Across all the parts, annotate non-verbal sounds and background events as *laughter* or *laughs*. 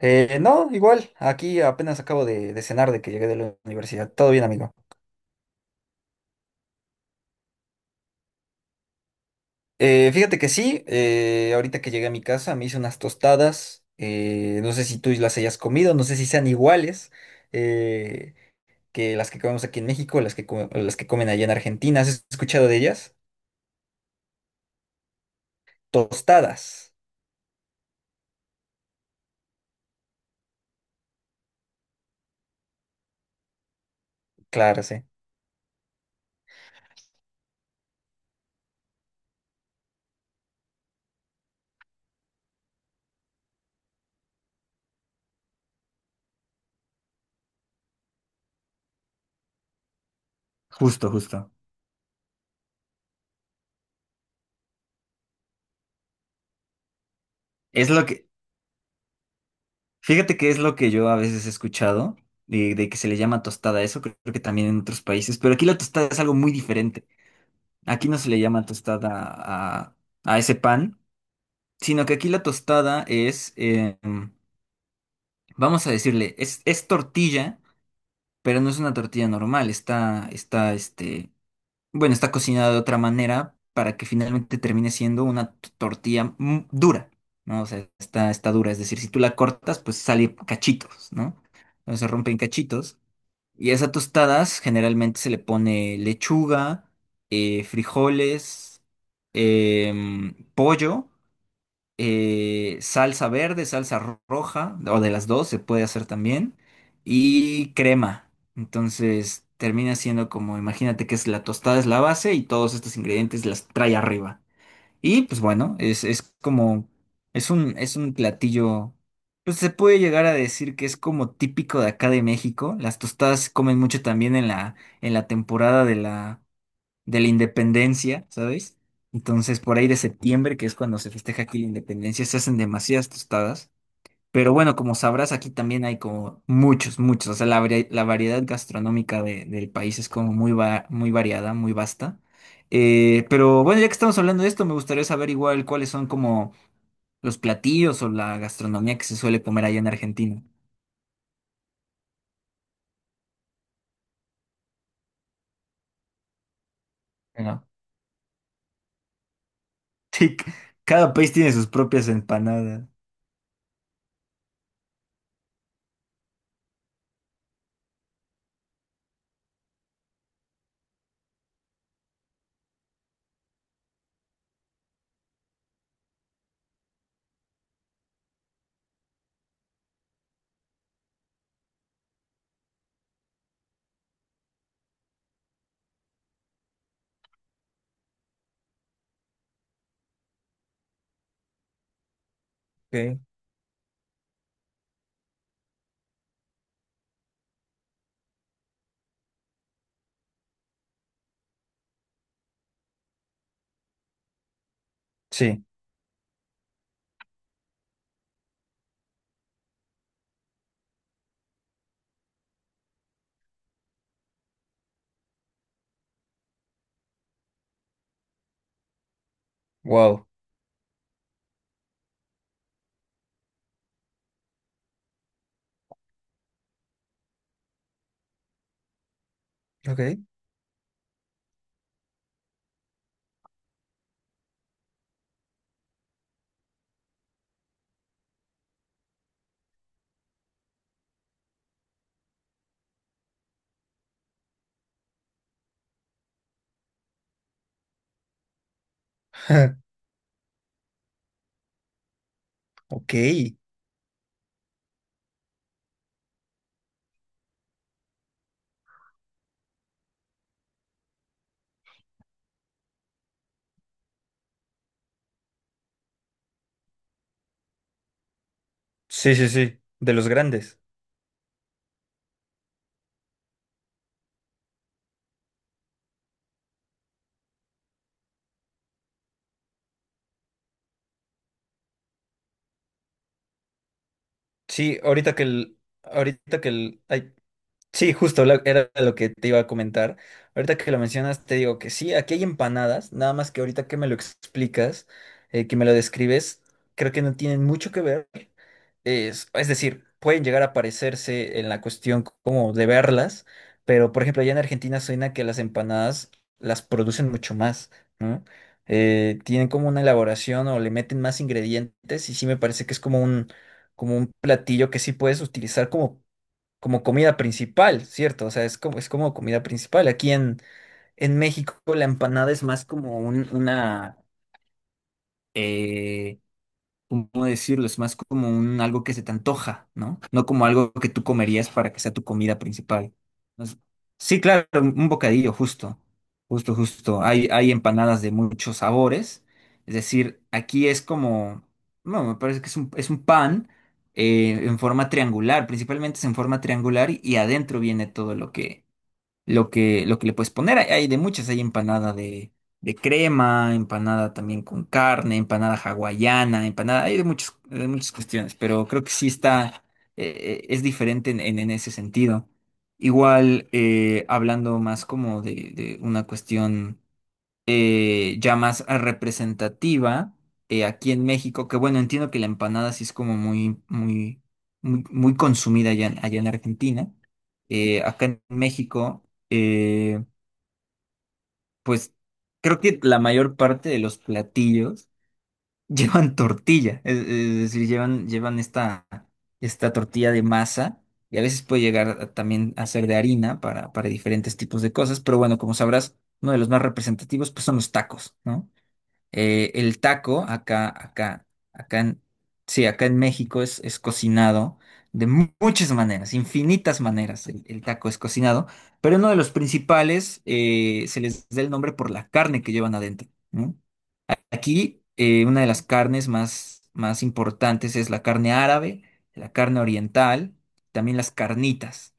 No, igual, aquí apenas acabo de cenar de que llegué de la universidad. Todo bien, amigo. Fíjate que sí, ahorita que llegué a mi casa me hice unas tostadas. No sé si tú las hayas comido, no sé si sean iguales eh, que las que comemos aquí en México, las que comen allá en Argentina. ¿Has escuchado de ellas? Tostadas. Claro, sí. Justo, justo. Es lo que, Fíjate que es lo que yo a veces he escuchado, de que se le llama tostada a eso, creo que también en otros países, pero aquí la tostada es algo muy diferente. Aquí no se le llama tostada a, a ese pan, sino que aquí la tostada es, vamos a decirle, es tortilla, pero no es una tortilla normal, está, está cocinada de otra manera para que finalmente termine siendo una tortilla dura, ¿no? O sea, está dura, es decir, si tú la cortas, pues sale cachitos, ¿no? Entonces se rompen cachitos. Y a esas tostadas generalmente se le pone lechuga, frijoles, pollo, salsa verde, salsa roja, o de las dos se puede hacer también, y crema. Entonces termina siendo como, imagínate que es la tostada es la base y todos estos ingredientes las trae arriba. Y pues bueno, es como, es un platillo, pues se puede llegar a decir que es como típico de acá de México. Las tostadas se comen mucho también en la temporada de la independencia, ¿sabes? Entonces, por ahí de septiembre, que es cuando se festeja aquí la independencia, se hacen demasiadas tostadas. Pero bueno, como sabrás, aquí también hay como muchos, muchos. O sea, la variedad gastronómica del país es como muy, muy variada, muy vasta. Pero bueno, ya que estamos hablando de esto, me gustaría saber igual cuáles son como los platillos o la gastronomía que se suele comer allá en Argentina. Bueno, *laughs* sí, cada país tiene sus propias empanadas. Okay. Sí. Wow. Ok. *laughs* Ok. Sí, sí, sí, de los grandes. Sí, ahorita que el, ay, sí, era lo que te iba a comentar. Ahorita que lo mencionas, te digo que sí, aquí hay empanadas, nada más que ahorita que me lo explicas, que me lo describes, creo que no tienen mucho que ver. Es decir, pueden llegar a parecerse en la cuestión como de verlas, pero por ejemplo, allá en Argentina suena que las empanadas las producen mucho más, ¿no? Tienen como una elaboración o le meten más ingredientes y sí me parece que es como un platillo que sí puedes utilizar como como comida principal, ¿cierto? O sea, es como comida principal. En México la empanada es más como una, eh, ¿cómo decirlo? Es más como un algo que se te antoja, ¿no? No como algo que tú comerías para que sea tu comida principal. Entonces, sí, claro, un bocadillo, justo, justo, justo. Hay empanadas de muchos sabores. Es decir, aquí es como, no, me parece que es un pan en forma triangular, principalmente es en forma triangular y adentro viene todo lo que, lo que le puedes poner. Hay hay de muchas, hay empanada de crema, empanada también con carne, empanada hawaiana, empanada, hay de muchas cuestiones, pero creo que sí está, es diferente en ese sentido. Igual, hablando más como de una cuestión ya más representativa aquí en México, que bueno, entiendo que la empanada sí es como muy, muy, muy, muy consumida allá, en allá en Argentina. Acá en México, eh, pues creo que la mayor parte de los platillos *laughs* llevan tortilla, es decir, llevan, llevan esta, esta tortilla de masa. Y a veces puede llegar también a ser de harina para diferentes tipos de cosas, pero bueno, como sabrás, uno de los más representativos pues son los tacos, ¿no? El taco, acá en, sí, acá en México es cocinado de muchas maneras, infinitas maneras el taco es cocinado, pero uno de los principales se les da el nombre por la carne que llevan adentro, ¿no? Aquí una de las carnes más, más importantes es la carne árabe, la carne oriental, también las carnitas.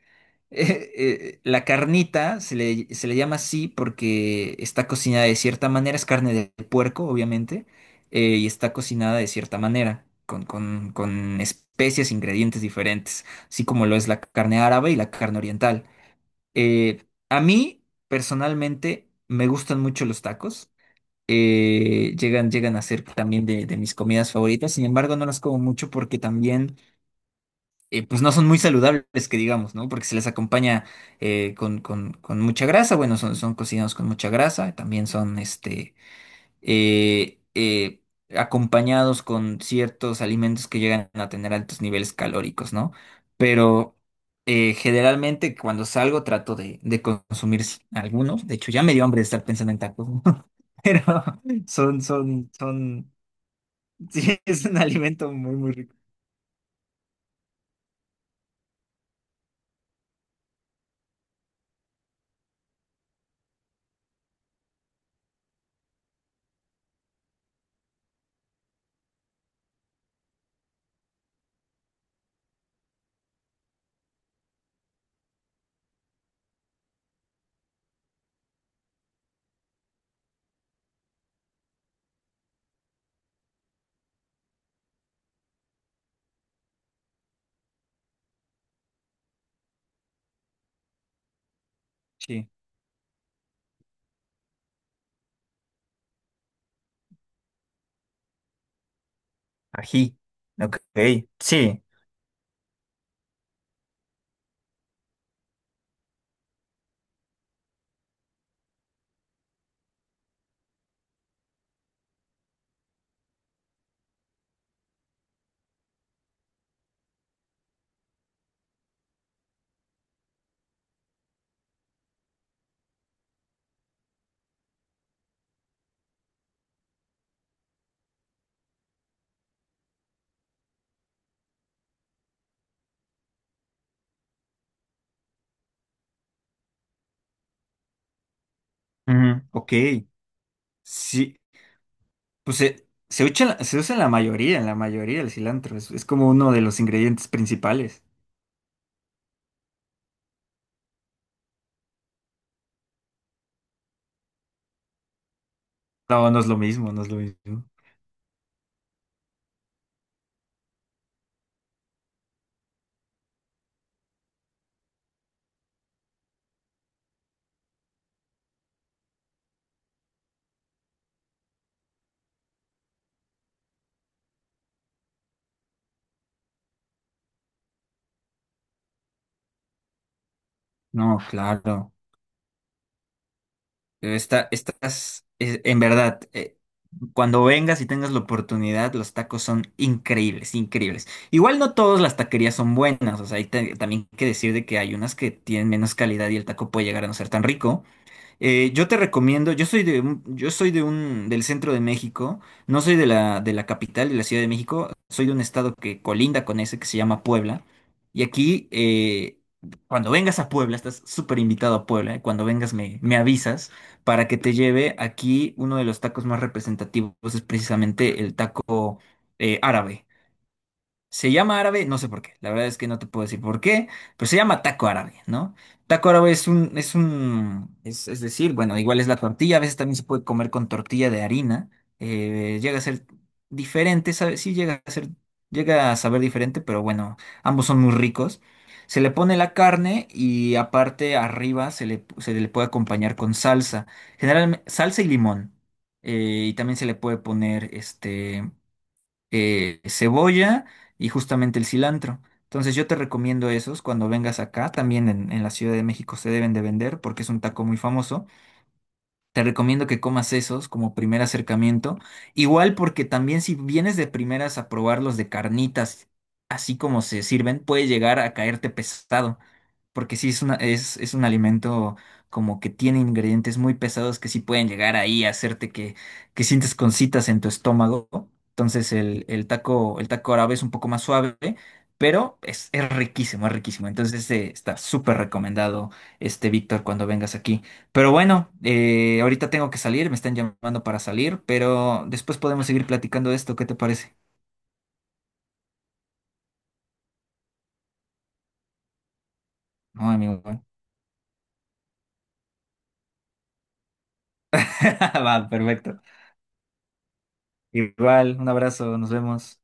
La carnita se le llama así porque está cocinada de cierta manera, es carne de puerco, obviamente, y está cocinada de cierta manera, con especias, ingredientes diferentes, así como lo es la carne árabe y la carne oriental. A mí, personalmente, me gustan mucho los tacos. Llegan a ser también de mis comidas favoritas, sin embargo, no las como mucho porque también pues no son muy saludables, que digamos, ¿no? Porque se les acompaña con mucha grasa, bueno, son cocinados con mucha grasa, también son eh, eh, acompañados con ciertos alimentos que llegan a tener altos niveles calóricos, ¿no? Pero generalmente cuando salgo trato de consumir algunos, de hecho ya me dio hambre de estar pensando en tacos, *laughs* ¿no? Pero son, *laughs* sí, es un alimento muy, muy rico. Sí. Ají. Ok, sí. Ujú, ok, sí, pues se echa en se usa en la mayoría el cilantro, es como uno de los ingredientes principales. No, no es lo mismo, no es lo mismo. No, claro. En verdad, cuando vengas y tengas la oportunidad, los tacos son increíbles, increíbles. Igual no todas las taquerías son buenas, o sea, hay también que decir de que hay unas que tienen menos calidad y el taco puede llegar a no ser tan rico. Yo te recomiendo, yo soy de un, del centro de México, no soy de la capital de la Ciudad de México, soy de un estado que colinda con ese que se llama Puebla. Y aquí, cuando vengas a Puebla, estás súper invitado a Puebla, cuando vengas me avisas para que te lleve aquí uno de los tacos más representativos, es precisamente el taco árabe. Se llama árabe, no sé por qué, la verdad es que no te puedo decir por qué, pero se llama taco árabe, ¿no? Taco árabe es decir, bueno, igual es la tortilla, a veces también se puede comer con tortilla de harina, llega a ser diferente, sí llega a ser, llega a saber diferente, pero bueno, ambos son muy ricos. Se le pone la carne y aparte arriba se le puede acompañar con salsa, generalmente salsa y limón, y también se le puede poner cebolla y justamente el cilantro. Entonces yo te recomiendo esos cuando vengas acá, también en la Ciudad de México se deben de vender porque es un taco muy famoso. Te recomiendo que comas esos como primer acercamiento. Igual porque también si vienes de primeras a probar los de carnitas, así como se sirven, puede llegar a caerte pesado. Porque sí es una, es un alimento como que tiene ingredientes muy pesados que sí pueden llegar ahí a hacerte que sientes concitas en tu estómago. Entonces el taco árabe es un poco más suave, pero es riquísimo, es riquísimo. Entonces está súper recomendado este Víctor cuando vengas aquí. Pero bueno, ahorita tengo que salir, me están llamando para salir, pero después podemos seguir platicando de esto, ¿qué te parece? No, amigo. Bueno. *laughs* Va, perfecto. Igual, un abrazo, nos vemos.